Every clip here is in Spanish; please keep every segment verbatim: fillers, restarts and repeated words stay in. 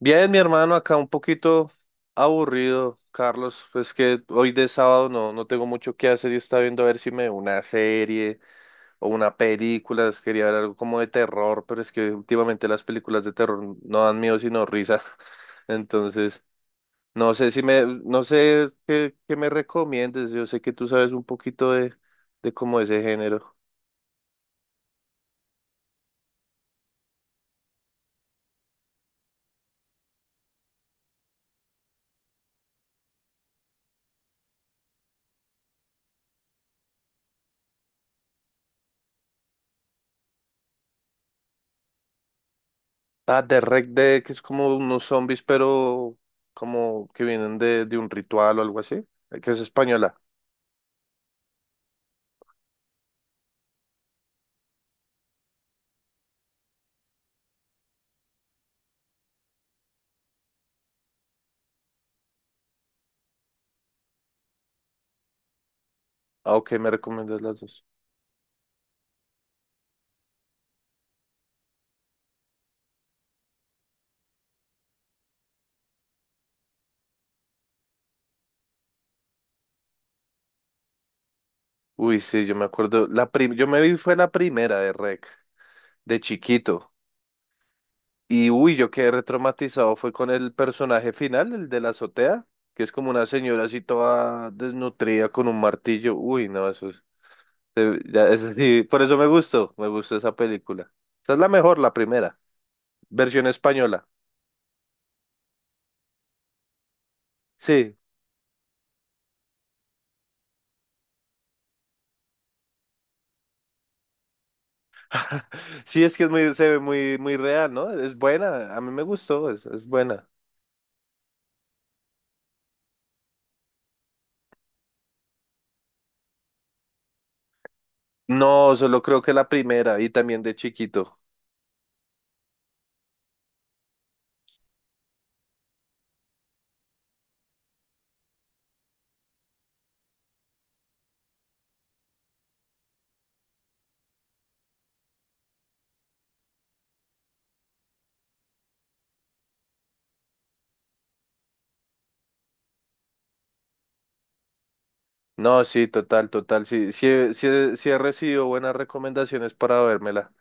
Bien, mi hermano, acá un poquito aburrido, Carlos, pues que hoy de sábado no, no tengo mucho que hacer y estaba viendo a ver si me veo una serie o una película, es- quería ver algo como de terror, pero es que últimamente las películas de terror no dan miedo sino risas, entonces no sé si me, no sé qué, qué me recomiendes, yo sé que tú sabes un poquito de, de como ese género. Ah, de Rec Dead, que es como unos zombies, pero como que vienen de, de un ritual o algo así, que es española. Ah, ok, me recomiendas las dos. Uy, sí, yo me acuerdo. La prim- yo me vi fue la primera de Rec, de chiquito. Y uy, yo quedé retraumatizado. Fue con el personaje final, el de la azotea, que es como una señora así toda desnutrida con un martillo. Uy, no, eso es. Eh, ya, eso sí, por eso me gustó, me gustó esa película. Esa es la mejor, la primera, versión española. Sí, sí, es que es muy, se ve muy, muy real, ¿no? Es buena, a mí me gustó, es es buena. No, solo creo que la primera y también de chiquito. No, sí, total, total. Sí, sí, he- sí, he sí he recibido buenas recomendaciones para vérmela.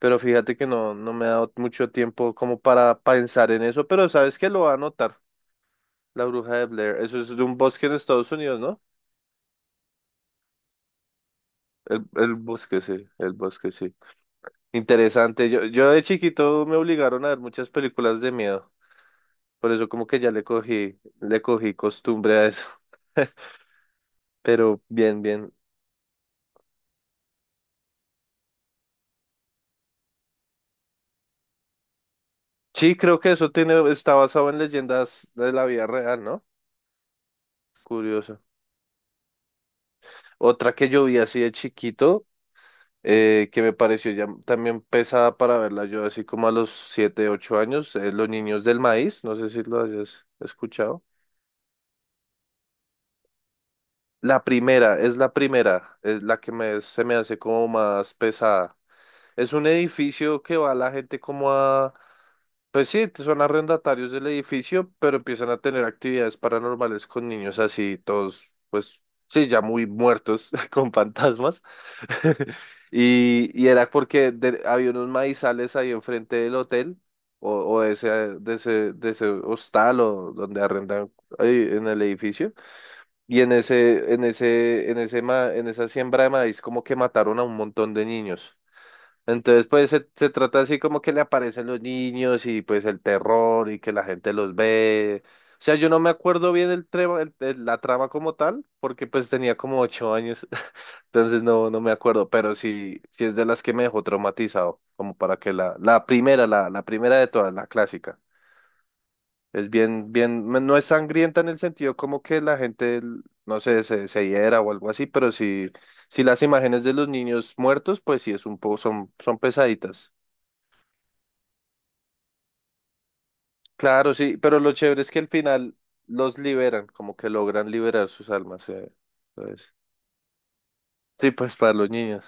Pero fíjate que no, no me ha dado mucho tiempo como para pensar en eso. Pero sabes que lo va a anotar, La Bruja de Blair. Eso es de un bosque en Estados Unidos, ¿no? El, el bosque, sí, el bosque, sí. Interesante. Yo, yo de chiquito me obligaron a ver muchas películas de miedo. Por eso como que ya le cogí, le cogí costumbre a eso. Pero bien, bien. Sí, creo que eso tiene, está basado en leyendas de la vida real, ¿no? Curioso. Otra que yo vi así de chiquito, eh, que me pareció ya también pesada para verla yo, así como a los siete, ocho años, es Los Niños del Maíz, no sé si lo hayas escuchado. La primera, es la primera, es la que me, se me hace como más pesada. Es un edificio que va la gente como a. Pues sí, son arrendatarios del edificio, pero empiezan a tener actividades paranormales con niños así, todos, pues sí, ya muy muertos, con fantasmas. Y, y era porque de- había unos maizales ahí enfrente del hotel, o, o de ese, de ese, de ese hostal o donde arrendan ahí en el edificio. Y en ese, en ese, en ese, ma- en esa siembra de maíz como que mataron a un montón de niños. Entonces, pues se, se trata así como que le aparecen los niños y pues el terror y que la gente los ve. O sea, yo no me acuerdo bien el trema- el- el- la trama como tal, porque pues tenía como ocho años, entonces no, no me acuerdo, pero sí, sí es de las que me dejó traumatizado, como para que la, la primera, la, la primera de todas, la clásica. Es bien, bien, no es sangrienta en el sentido como que la gente, no sé, se, se hiera o algo así, pero sí, sí las imágenes de los niños muertos, pues sí es un poco, son, son pesaditas. Claro, sí, pero lo chévere es que al final los liberan, como que logran liberar sus almas, eh, entonces. Sí, pues para los niños.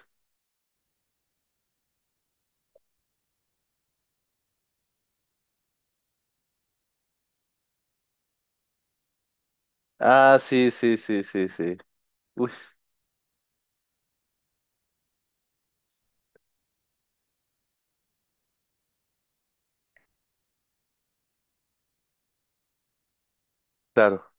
Ah, sí, sí, sí, sí, sí. Uy, claro.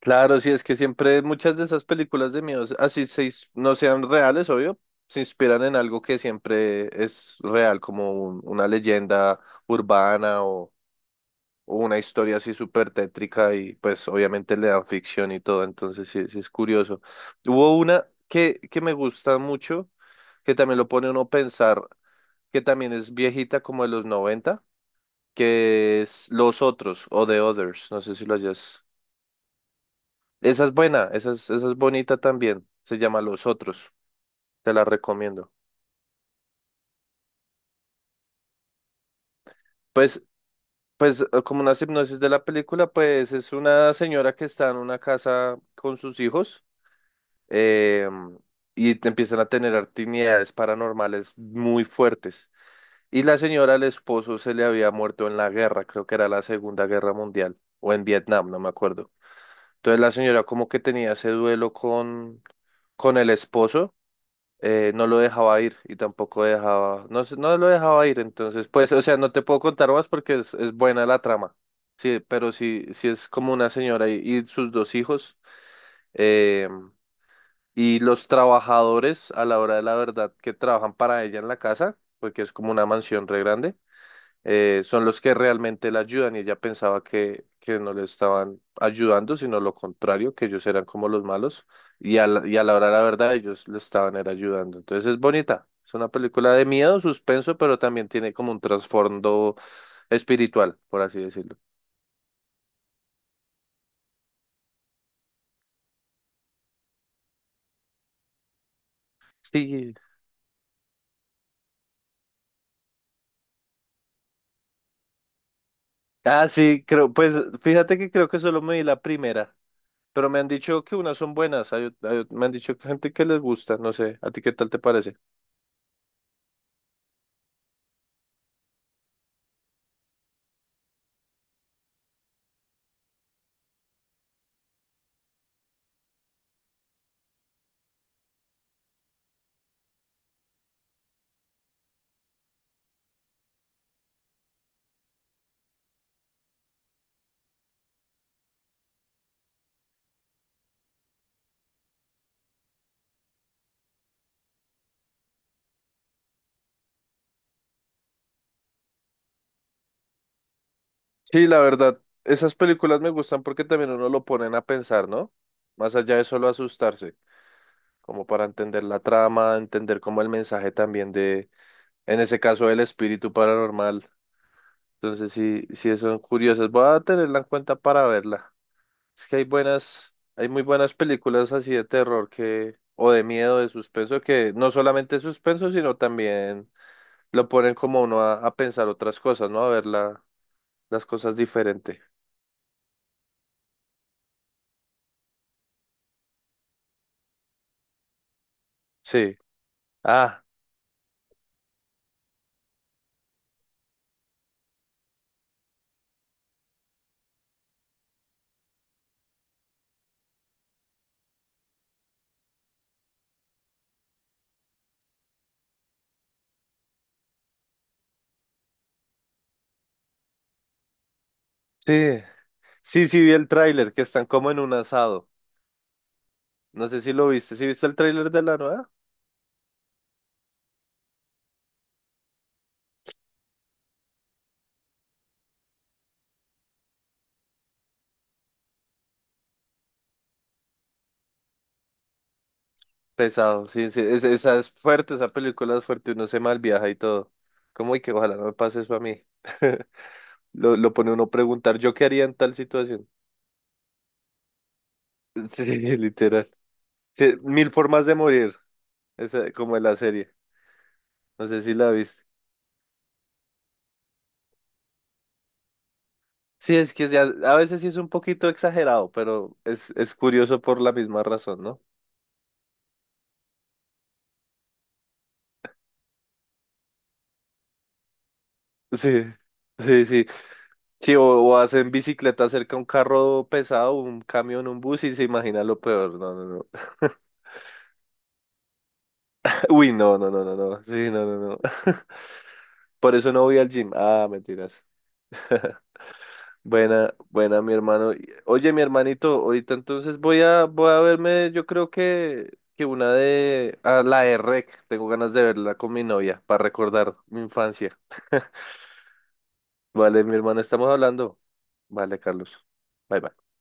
Claro, sí, es que siempre muchas de esas películas de miedo, así se ins- no sean reales, obvio, se inspiran en algo que siempre es real, como un- una leyenda urbana, una historia así súper tétrica y pues obviamente le dan ficción y todo, entonces sí, sí es curioso. Hubo una que, que me gusta mucho, que también lo pone uno a pensar, que también es viejita como de los noventa, que es Los Otros o The Others, no sé si lo hayas. Esa es buena, esa es, esa es bonita también, se llama Los Otros, te la recomiendo. Pues, pues eh, como una hipnosis de la película, pues es una señora que está en una casa con sus hijos eh, y te empiezan a tener actividades paranormales muy fuertes. Y la señora, el esposo, se le había muerto en la guerra, creo que era la Segunda Guerra Mundial, o en Vietnam, no me acuerdo. Entonces la señora como que tenía ese duelo con, con el esposo, eh, no lo dejaba ir y tampoco dejaba, no, se- no lo dejaba ir, entonces pues, o sea, no te puedo contar más porque es, es buena la trama. Sí, pero sí, sí es como una señora y, y sus dos hijos. eh, y los trabajadores, a la hora de la verdad, que trabajan para ella en la casa, porque es como una mansión re grande, eh, son los que realmente la ayudan. Y ella pensaba que, que no le estaban ayudando, sino lo contrario, que ellos eran como los malos. Y a la, y a la hora de la verdad, ellos le estaban era ayudando. Entonces es bonita. Es una película de miedo, suspenso, pero también tiene como un trasfondo espiritual, por así decirlo. Sí. Ah, sí, creo, pues fíjate que creo que solo me vi la primera. Pero me han dicho que unas son buenas, hay ot- hay ot- me han dicho que gente que les gusta, no sé, ¿a ti qué tal te parece? Sí, la verdad, esas películas me gustan porque también uno lo ponen a pensar, ¿no? Más allá de solo asustarse, como para entender la trama, entender como el mensaje también de, en ese caso, el espíritu paranormal. Entonces, sí, sí son curiosas, voy a tenerla en cuenta para verla. Es que hay buenas, hay muy buenas películas así de terror que, o de miedo, de suspenso, que no solamente es suspenso, sino también lo ponen como a uno a, a pensar otras cosas, ¿no? A ver la- las cosas diferente. Sí. Ah, sí. Sí, sí vi el tráiler, que están como en un asado. No sé si lo viste. ¿Sí viste el tráiler de la nueva? Pesado, sí, sí. es- esa es fuerte, esa película es fuerte, uno se malviaja y todo. Como, y que ojalá no me pase eso a mí. Lo, lo pone uno a preguntar, ¿yo qué haría en tal situación? Sí, literal. Sí, mil formas de morir, esa- como en la serie. No sé si la viste. Sí, es que ya- a veces sí es un poquito exagerado, pero es, es curioso por la misma razón, ¿no? Sí, sí, sí. Sí, o, o hacen bicicleta cerca a un carro pesado, un camión, un bus y se imagina lo peor. No, no, no. Uy, no, no, no, no, no. Sí, no, no, no. Por eso no voy al gym. Ah, mentiras. Buena, buena, mi hermano. Oye, mi hermanito, ahorita entonces voy a, voy a verme, yo creo que, que una de, a la de Rec, tengo ganas de verla con mi novia para recordar mi infancia. Vale, mi hermano, estamos hablando. Vale, Carlos. Bye, bye.